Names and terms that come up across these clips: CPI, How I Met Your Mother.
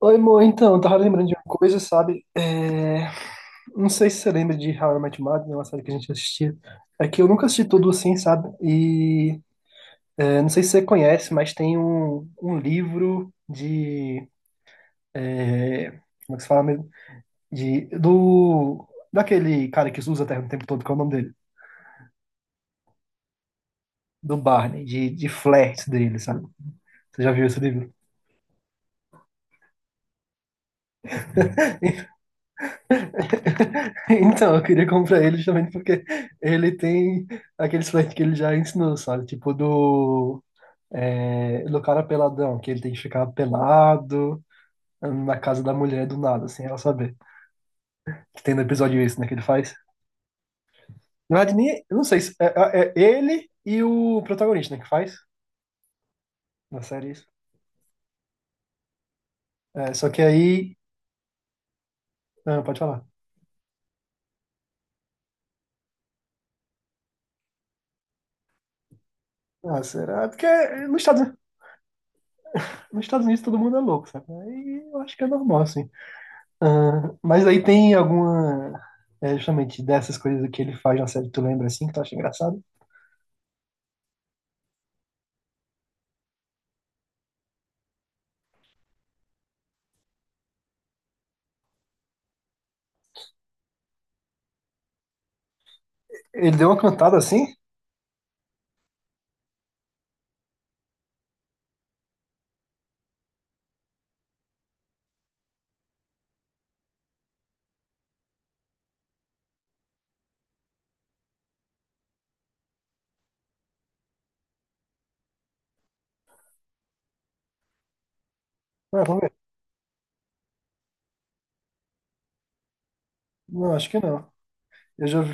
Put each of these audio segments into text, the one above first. Oi, amor, então, eu tava lembrando de uma coisa, sabe? Não sei se você lembra de How I Met Your Mother, né, uma série que a gente assistia. É que eu nunca assisti tudo assim, sabe? Não sei se você conhece, mas tem um livro de. é, Como é que se fala mesmo? De, do, Daquele cara que usa a terra o tempo todo, que é o nome dele? Do Barney, de flertes dele, sabe? Você já viu esse livro? Então, eu queria comprar ele justamente porque ele tem aqueles flertes que ele já ensinou, sabe? Tipo do cara peladão, que ele tem que ficar pelado na casa da mulher do nada, sem ela saber. Que tem no episódio isso, né? Que ele faz. Na verdade, nem, eu não sei se é ele e o protagonista, né? Que faz na série isso. É, só que aí. Não, pode falar. Ah, será? Porque nos Estados, nos Estados Unidos todo mundo é louco, sabe? Aí eu acho que é normal, assim. Ah, mas aí tem alguma. É justamente dessas coisas que ele faz na série, tu lembra assim, que tu acha engraçado? Ele deu uma cantada assim? Ah, vamos ver. Não, acho que não. Eu já, vi-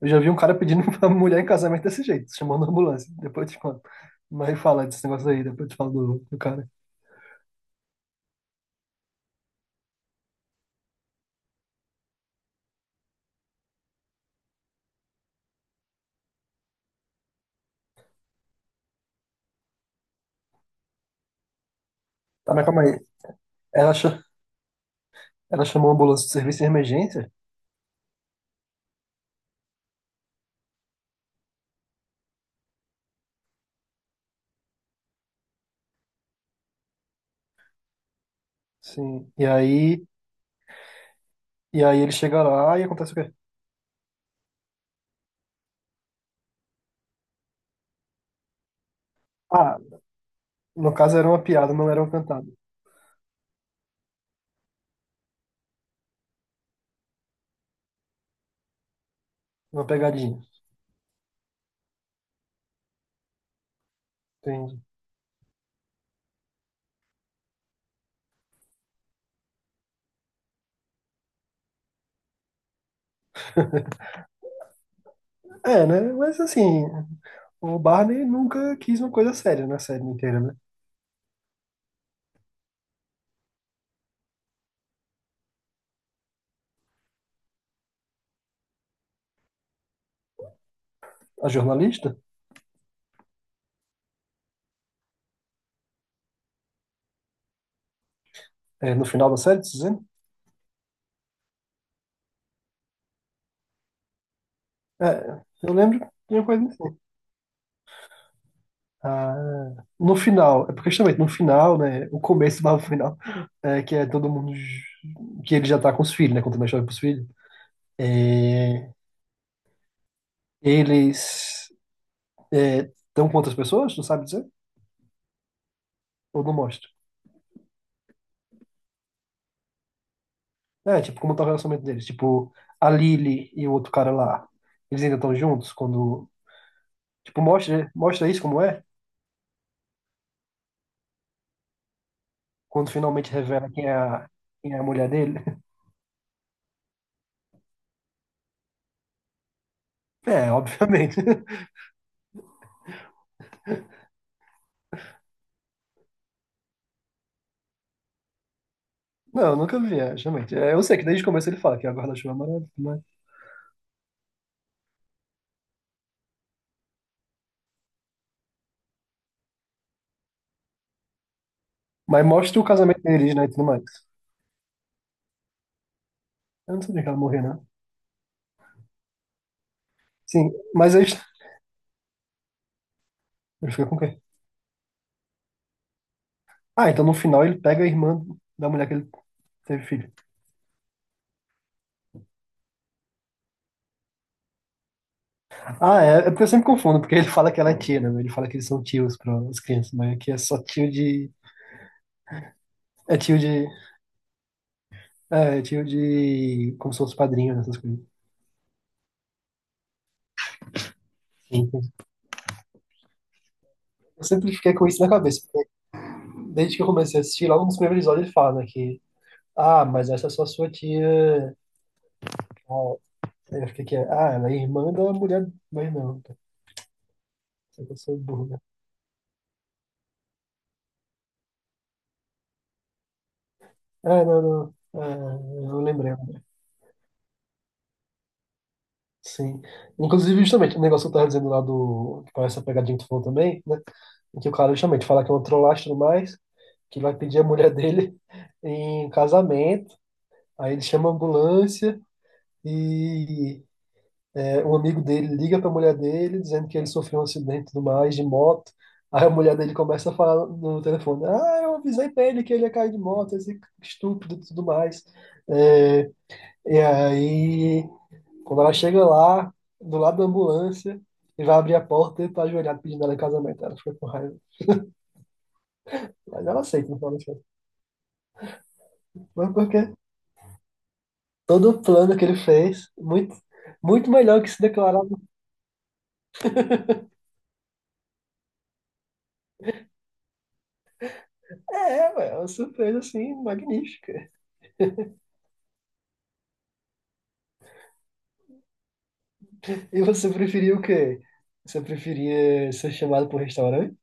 eu já vi um cara pedindo pra mulher em casamento desse jeito, chamando a ambulância. Depois eu te conto. Mas fala desse negócio aí, depois eu te falo do cara. Tá, mas calma aí. Ela, cha- Ela chamou a ambulância do serviço de emergência? Sim. E aí ele chega lá e acontece o quê? Ah, no caso era uma piada, não era uma cantada. Uma pegadinha. Entendi. É, né? Mas assim, o Barney nunca quis uma coisa séria na série inteira, né? A jornalista, é, no final da série, tá dizendo? É, eu lembro de uma coisa assim. Ah, no final, é porque justamente no final, né? O começo barra o final, é, que é todo mundo. Que ele já tá com os filhos, né? Contando a história pros filhos. É, eles estão com outras pessoas, não sabe dizer? Ou não mostra? É, tipo, como tá o relacionamento deles? Tipo, a Lily e o outro cara lá, eles ainda estão juntos quando tipo, mostra, mostra isso como é, quando finalmente revela quem é quem é a mulher dele. É, obviamente. Não, eu nunca vi, é, justamente. É, eu sei que desde o começo ele fala que a guarda-chuva é maravilhosa, mas mostra o casamento deles, né, e tudo mais. Eu não sabia que ela morreu, né? Sim, mas aí ele fica com quem? Ah, então no final ele pega a irmã da mulher que ele teve filho. Ah, é porque eu sempre confundo, porque ele fala que ela é tia, né? Ele fala que eles são tios para as crianças, mas aqui é só tio de... É, é tio de... Como se fosse padrinho, né, essas coisas. Sim. Eu sempre fiquei com isso na cabeça, porque desde que eu comecei a assistir, logo nos primeiros episódios ele fala, né, que, ah, mas essa é só sua tia. Ah, aí eu fiquei que, ah, ela é irmã da mulher. Mas não, eu sou burro, né? Ah, não, não. Ah, eu lembrei, eu lembrei. Sim. Inclusive, justamente, o negócio que eu tava dizendo lá do. Que parece a pegadinha que tu falou também, né? Em que o cara justamente fala que é um trollagem e tudo mais, que vai pedir a mulher dele em casamento, aí ele chama a ambulância e é, um amigo dele liga para a mulher dele dizendo que ele sofreu um acidente e tudo mais de moto. Aí a mulher dele começa a falar no telefone: Ah, eu avisei para ele que ele ia cair de moto, esse estúpido e tudo mais. É, e aí, quando ela chega lá, do lado da ambulância, e vai abrir a porta e tá ajoelhado pedindo ela em casamento. Ela fica com raiva. Mas ela aceita, não fala assim. Mas porque todo o plano que ele fez, muito, muito melhor que se declarar. É, ué, é uma surpresa assim, magnífica. E você preferia o quê? Você preferia ser chamado para um restaurante?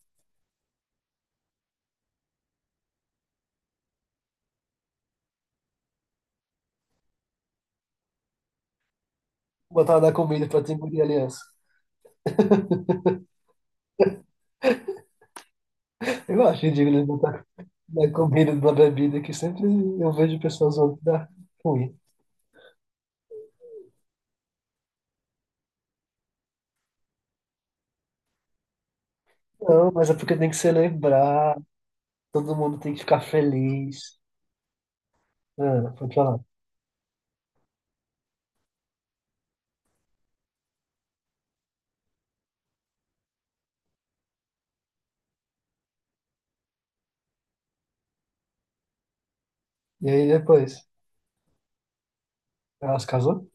Botar na comida para te engolir a aliança? Eu acho ridículo botar na comida, na bebida, que sempre eu vejo pessoas usando que dá ruim. Não, mas é porque tem que celebrar, todo mundo tem que ficar feliz. Ah, foi pra lá. E aí depois, ela se casou?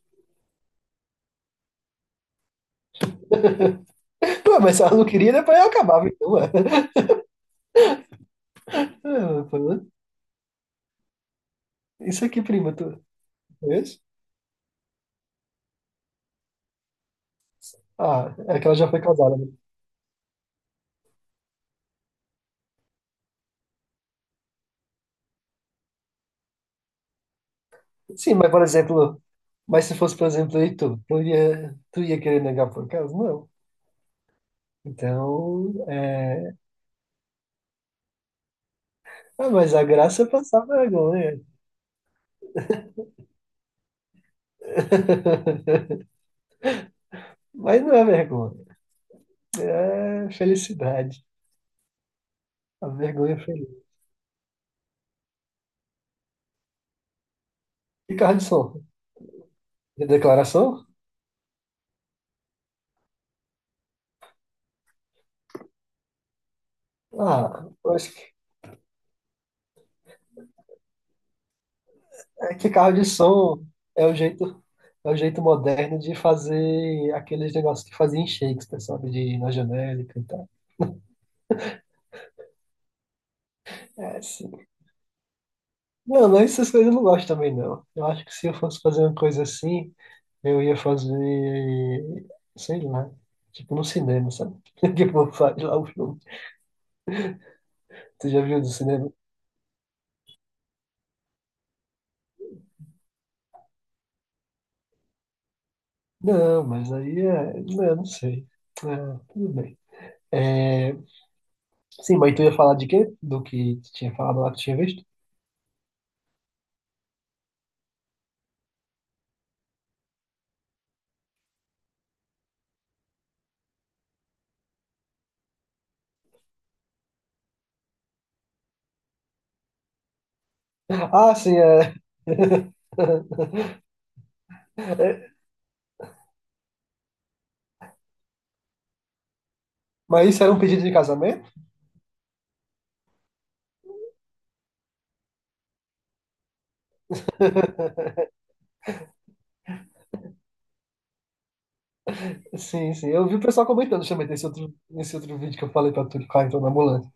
Pô, mas se ela não queria, depois ela acabava, então, ué. Ah, pô, isso aqui, prima, tu conhece? Ah, é que ela já foi casada, né? Sim, mas por exemplo, mas se fosse, por exemplo, aí tu ia querer negar por acaso? Não. Então, é... ah, mas a graça é passar vergonha. Mas não é vergonha, é felicidade. A vergonha é feliz. E carro de som? De declaração? Ah, eu acho que, é que carro de som é o jeito, é o jeito moderno de fazer aqueles negócios que fazia em Shakespeare, sabe? De ir na janela e cantar. É, não, mas essas coisas eu não gosto também, não. Eu acho que se eu fosse fazer uma coisa assim, eu ia fazer, sei lá, tipo no cinema, sabe? Tipo, faz lá o filme. Você já viu no cinema? Não, mas aí é. Não, não sei. Ah, tudo bem. É, sim, mas tu ia falar de quê? Do que tu tinha falado lá que tu tinha visto? Ah, sim, é. É, mas isso era um pedido de casamento? Sim, sim. Eu vi o pessoal comentando justamente nesse outro vídeo que eu falei pra tu que o na ambulância.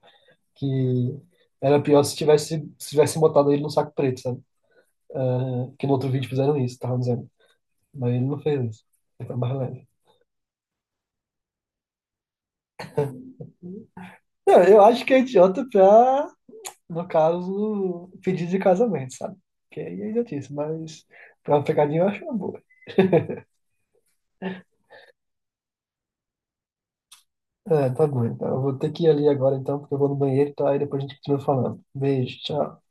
Que era pior se tivesse, se tivesse botado ele no saco preto, sabe? Ah, que no outro vídeo fizeram isso, tava dizendo. Mas ele não fez isso. Ele foi mais leve. Não, eu acho que é idiota pra, no caso, pedir de casamento, sabe? Que aí é idiotice, mas pra uma pegadinha eu acho uma boa. É, tá bom. Então eu vou ter que ir ali agora, então, porque eu vou no banheiro, tá? Aí depois a gente continua falando. Beijo, tchau.